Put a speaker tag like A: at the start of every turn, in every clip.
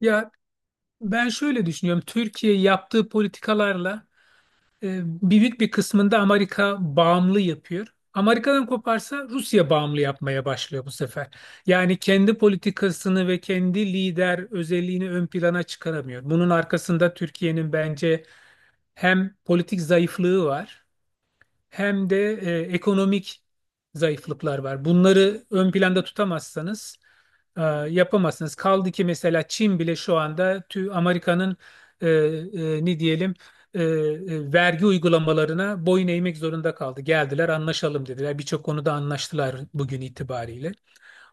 A: Ya ben şöyle düşünüyorum. Türkiye yaptığı politikalarla büyük bir kısmında Amerika bağımlı yapıyor. Amerika'dan koparsa Rusya bağımlı yapmaya başlıyor bu sefer. Yani kendi politikasını ve kendi lider özelliğini ön plana çıkaramıyor. Bunun arkasında Türkiye'nin bence hem politik zayıflığı var hem de ekonomik zayıflıklar var. Bunları ön planda tutamazsanız e, yapamazsınız. Kaldı ki mesela Çin bile şu anda Amerika'nın ne diyelim vergi uygulamalarına boyun eğmek zorunda kaldı. Geldiler anlaşalım dediler. Birçok konuda anlaştılar bugün itibariyle.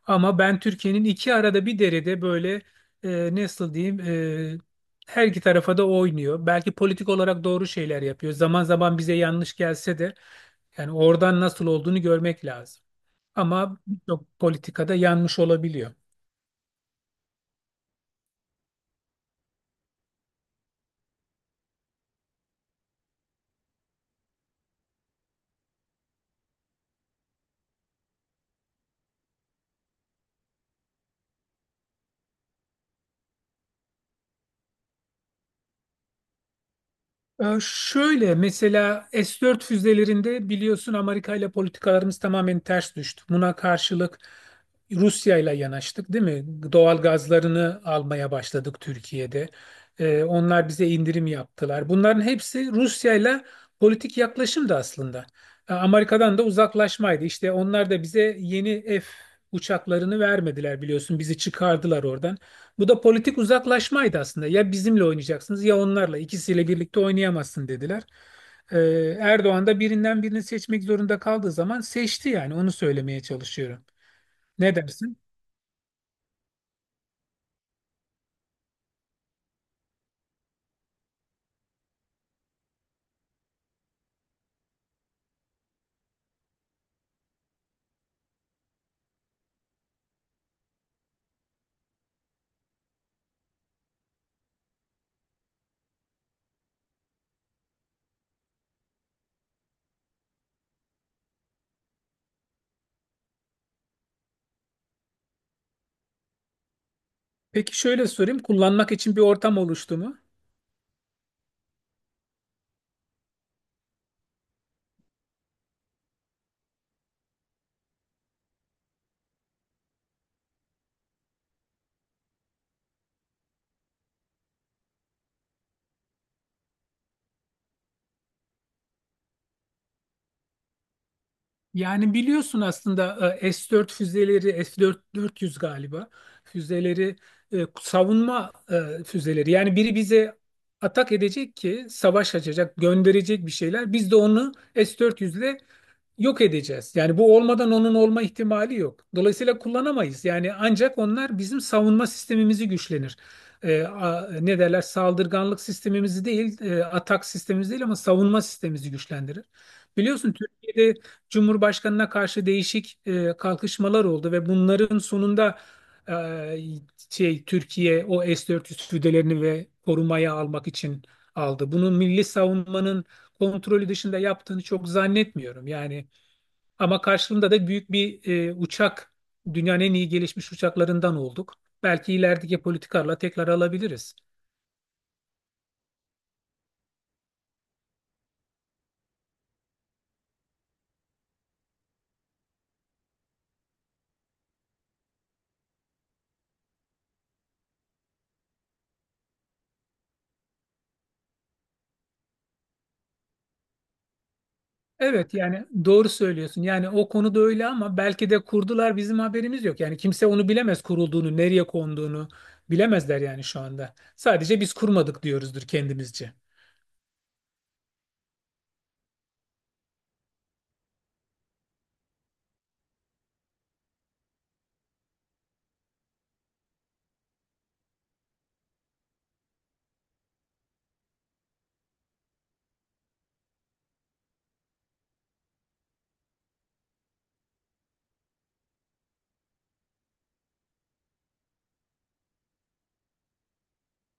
A: Ama ben Türkiye'nin iki arada bir derede böyle nasıl diyeyim her iki tarafa da oynuyor. Belki politik olarak doğru şeyler yapıyor. Zaman zaman bize yanlış gelse de yani oradan nasıl olduğunu görmek lazım. Ama birçok politikada yanlış olabiliyor. Şöyle mesela S-4 füzelerinde biliyorsun Amerika ile politikalarımız tamamen ters düştü. Buna karşılık Rusya ile yanaştık, değil mi? Doğal gazlarını almaya başladık Türkiye'de. Onlar bize indirim yaptılar. Bunların hepsi Rusya ile politik yaklaşımdı aslında. Amerika'dan da uzaklaşmaydı. İşte onlar da bize yeni F uçaklarını vermediler biliyorsun. Bizi çıkardılar oradan. Bu da politik uzaklaşmaydı aslında. Ya bizimle oynayacaksınız ya onlarla. İkisiyle birlikte oynayamazsın dediler. Ee, Erdoğan da birinden birini seçmek zorunda kaldığı zaman seçti yani. Onu söylemeye çalışıyorum. Ne dersin? Peki şöyle sorayım. Kullanmak için bir ortam oluştu mu? Yani biliyorsun aslında S-4 füzeleri, S-400 galiba füzeleri savunma füzeleri. Yani biri bize atak edecek ki savaş açacak, gönderecek bir şeyler. Biz de onu S-400 ile yok edeceğiz. Yani bu olmadan onun olma ihtimali yok. Dolayısıyla kullanamayız. Yani ancak onlar bizim savunma sistemimizi güçlenir. Ne derler? Saldırganlık sistemimizi değil, atak sistemimizi değil ama savunma sistemimizi güçlendirir. Biliyorsun Türkiye'de Cumhurbaşkanına karşı değişik kalkışmalar oldu ve bunların sonunda e, şey Türkiye o S-400 füzelerini ve korumaya almak için aldı. Bunu milli savunmanın kontrolü dışında yaptığını çok zannetmiyorum. Yani ama karşılığında da büyük bir uçak, dünyanın en iyi gelişmiş uçaklarından olduk. Belki ilerideki politikalarla tekrar alabiliriz. Evet yani doğru söylüyorsun. Yani o konuda öyle ama belki de kurdular bizim haberimiz yok. Yani kimse onu bilemez kurulduğunu, nereye konduğunu bilemezler yani şu anda. Sadece biz kurmadık diyoruzdur kendimizce.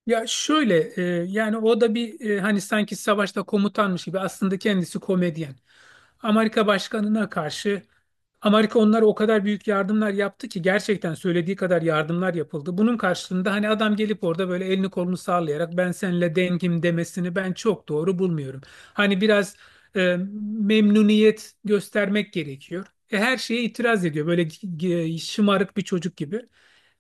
A: Ya şöyle yani o da bir hani sanki savaşta komutanmış gibi aslında kendisi komedyen. Amerika başkanına karşı Amerika onlara o kadar büyük yardımlar yaptı ki gerçekten söylediği kadar yardımlar yapıldı. Bunun karşılığında hani adam gelip orada böyle elini kolunu sallayarak ben seninle dengim demesini ben çok doğru bulmuyorum. Hani biraz memnuniyet göstermek gerekiyor. Her şeye itiraz ediyor böyle şımarık bir çocuk gibi.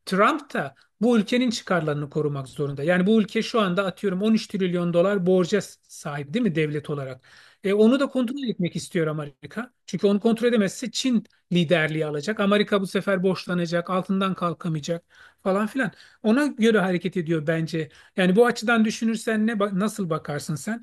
A: Trump da bu ülkenin çıkarlarını korumak zorunda. Yani bu ülke şu anda atıyorum 13 trilyon dolar borca sahip değil mi devlet olarak? Onu da kontrol etmek istiyor Amerika. Çünkü onu kontrol edemezse Çin liderliği alacak. Amerika bu sefer borçlanacak, altından kalkamayacak falan filan. Ona göre hareket ediyor bence. Yani bu açıdan düşünürsen nasıl bakarsın sen?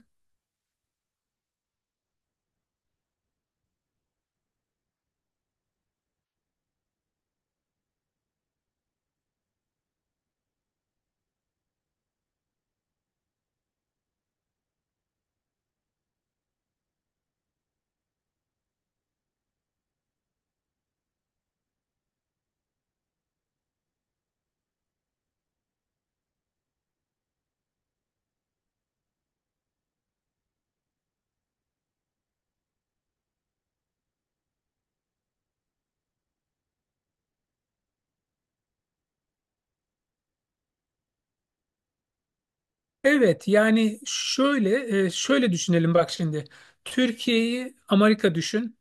A: Evet yani şöyle şöyle düşünelim bak şimdi. Türkiye'yi Amerika düşün.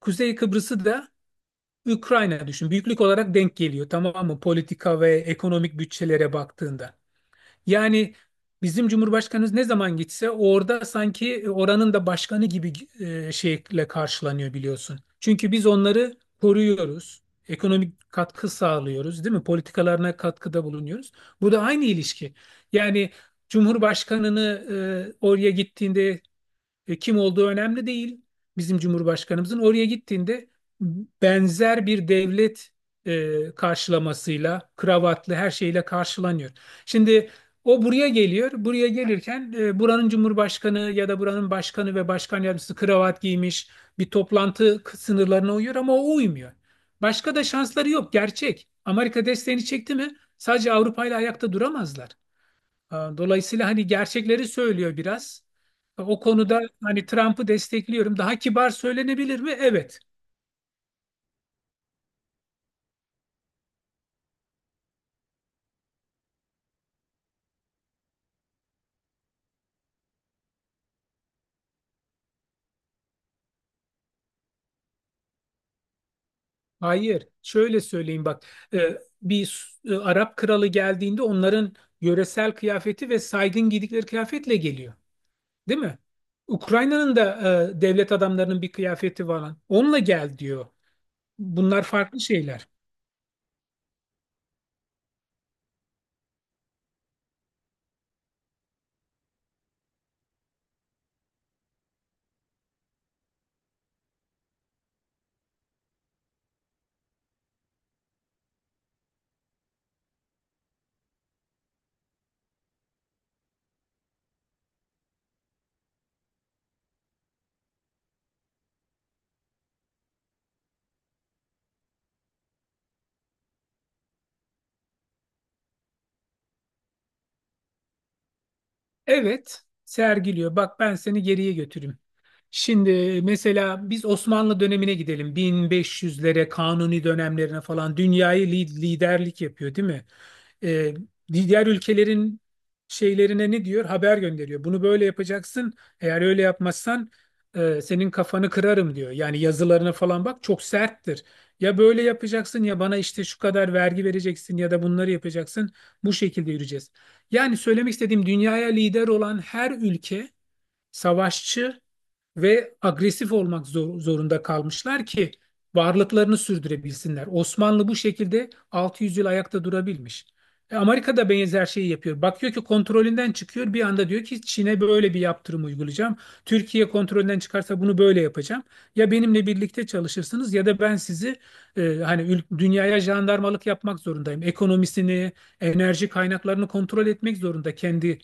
A: Kuzey Kıbrıs'ı da Ukrayna düşün. Büyüklük olarak denk geliyor tamam mı? Politika ve ekonomik bütçelere baktığında. Yani bizim Cumhurbaşkanımız ne zaman gitse orada sanki oranın da başkanı gibi şeyle karşılanıyor biliyorsun. Çünkü biz onları koruyoruz. Ekonomik katkı sağlıyoruz, değil mi? Politikalarına katkıda bulunuyoruz. Bu da aynı ilişki. Yani Cumhurbaşkanını oraya gittiğinde kim olduğu önemli değil bizim Cumhurbaşkanımızın. Oraya gittiğinde benzer bir devlet karşılamasıyla, kravatlı her şeyle karşılanıyor. Şimdi o buraya geliyor. Buraya gelirken buranın Cumhurbaşkanı ya da buranın başkanı ve başkan yardımcısı kravat giymiş bir sınırlarına uyuyor ama o uymuyor. Başka da şansları yok. Gerçek. Amerika desteğini çekti mi sadece Avrupa ile ayakta duramazlar. Dolayısıyla hani gerçekleri söylüyor biraz. O konuda hani Trump'ı destekliyorum. Daha kibar söylenebilir mi? Evet. Hayır. Şöyle söyleyeyim bak. Bir Arap kralı geldiğinde onların yöresel kıyafeti ve saygın giydikleri kıyafetle geliyor. Değil mi? Ukrayna'nın da devlet adamlarının bir kıyafeti var. Onunla gel diyor. Bunlar farklı şeyler. Evet. Sergiliyor. Bak ben seni geriye götüreyim. Şimdi mesela biz Osmanlı dönemine gidelim. 1500'lere, Kanuni dönemlerine falan dünyayı liderlik yapıyor, değil mi? Ee, diğer ülkelerin şeylerine ne diyor? Haber gönderiyor. Bunu böyle yapacaksın. Eğer öyle yapmazsan senin kafanı kırarım diyor. Yani yazılarına falan bak çok serttir. Ya böyle yapacaksın ya bana işte şu kadar vergi vereceksin ya da bunları yapacaksın. Bu şekilde yürüyeceğiz. Yani söylemek istediğim dünyaya lider olan her ülke savaşçı ve agresif olmak zorunda kalmışlar ki varlıklarını sürdürebilsinler. Osmanlı bu şekilde 600 yıl ayakta durabilmiş. Amerika da benzer şeyi yapıyor. Bakıyor ki kontrolünden çıkıyor bir anda diyor ki Çin'e böyle bir yaptırım uygulayacağım. Türkiye kontrolünden çıkarsa bunu böyle yapacağım. Ya benimle birlikte çalışırsınız ya da ben sizi hani dünyaya jandarmalık yapmak zorundayım. Ekonomisini, enerji kaynaklarını kontrol etmek zorunda kendi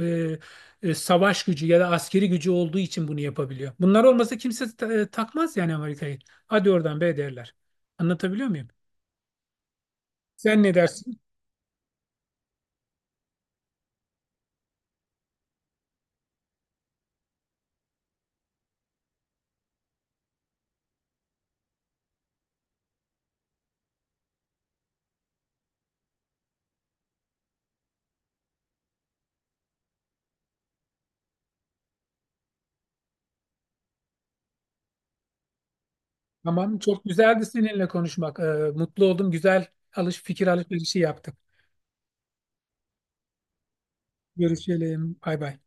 A: e, savaş gücü ya da askeri gücü olduğu için bunu yapabiliyor. Bunlar olmasa kimse takmaz yani Amerika'yı. Hadi oradan be derler. Anlatabiliyor muyum? Sen ne dersin? Tamam, çok güzeldi seninle konuşmak. Mutlu oldum. Güzel alış fikir alışverişi yaptık. Görüşelim. Bay bay.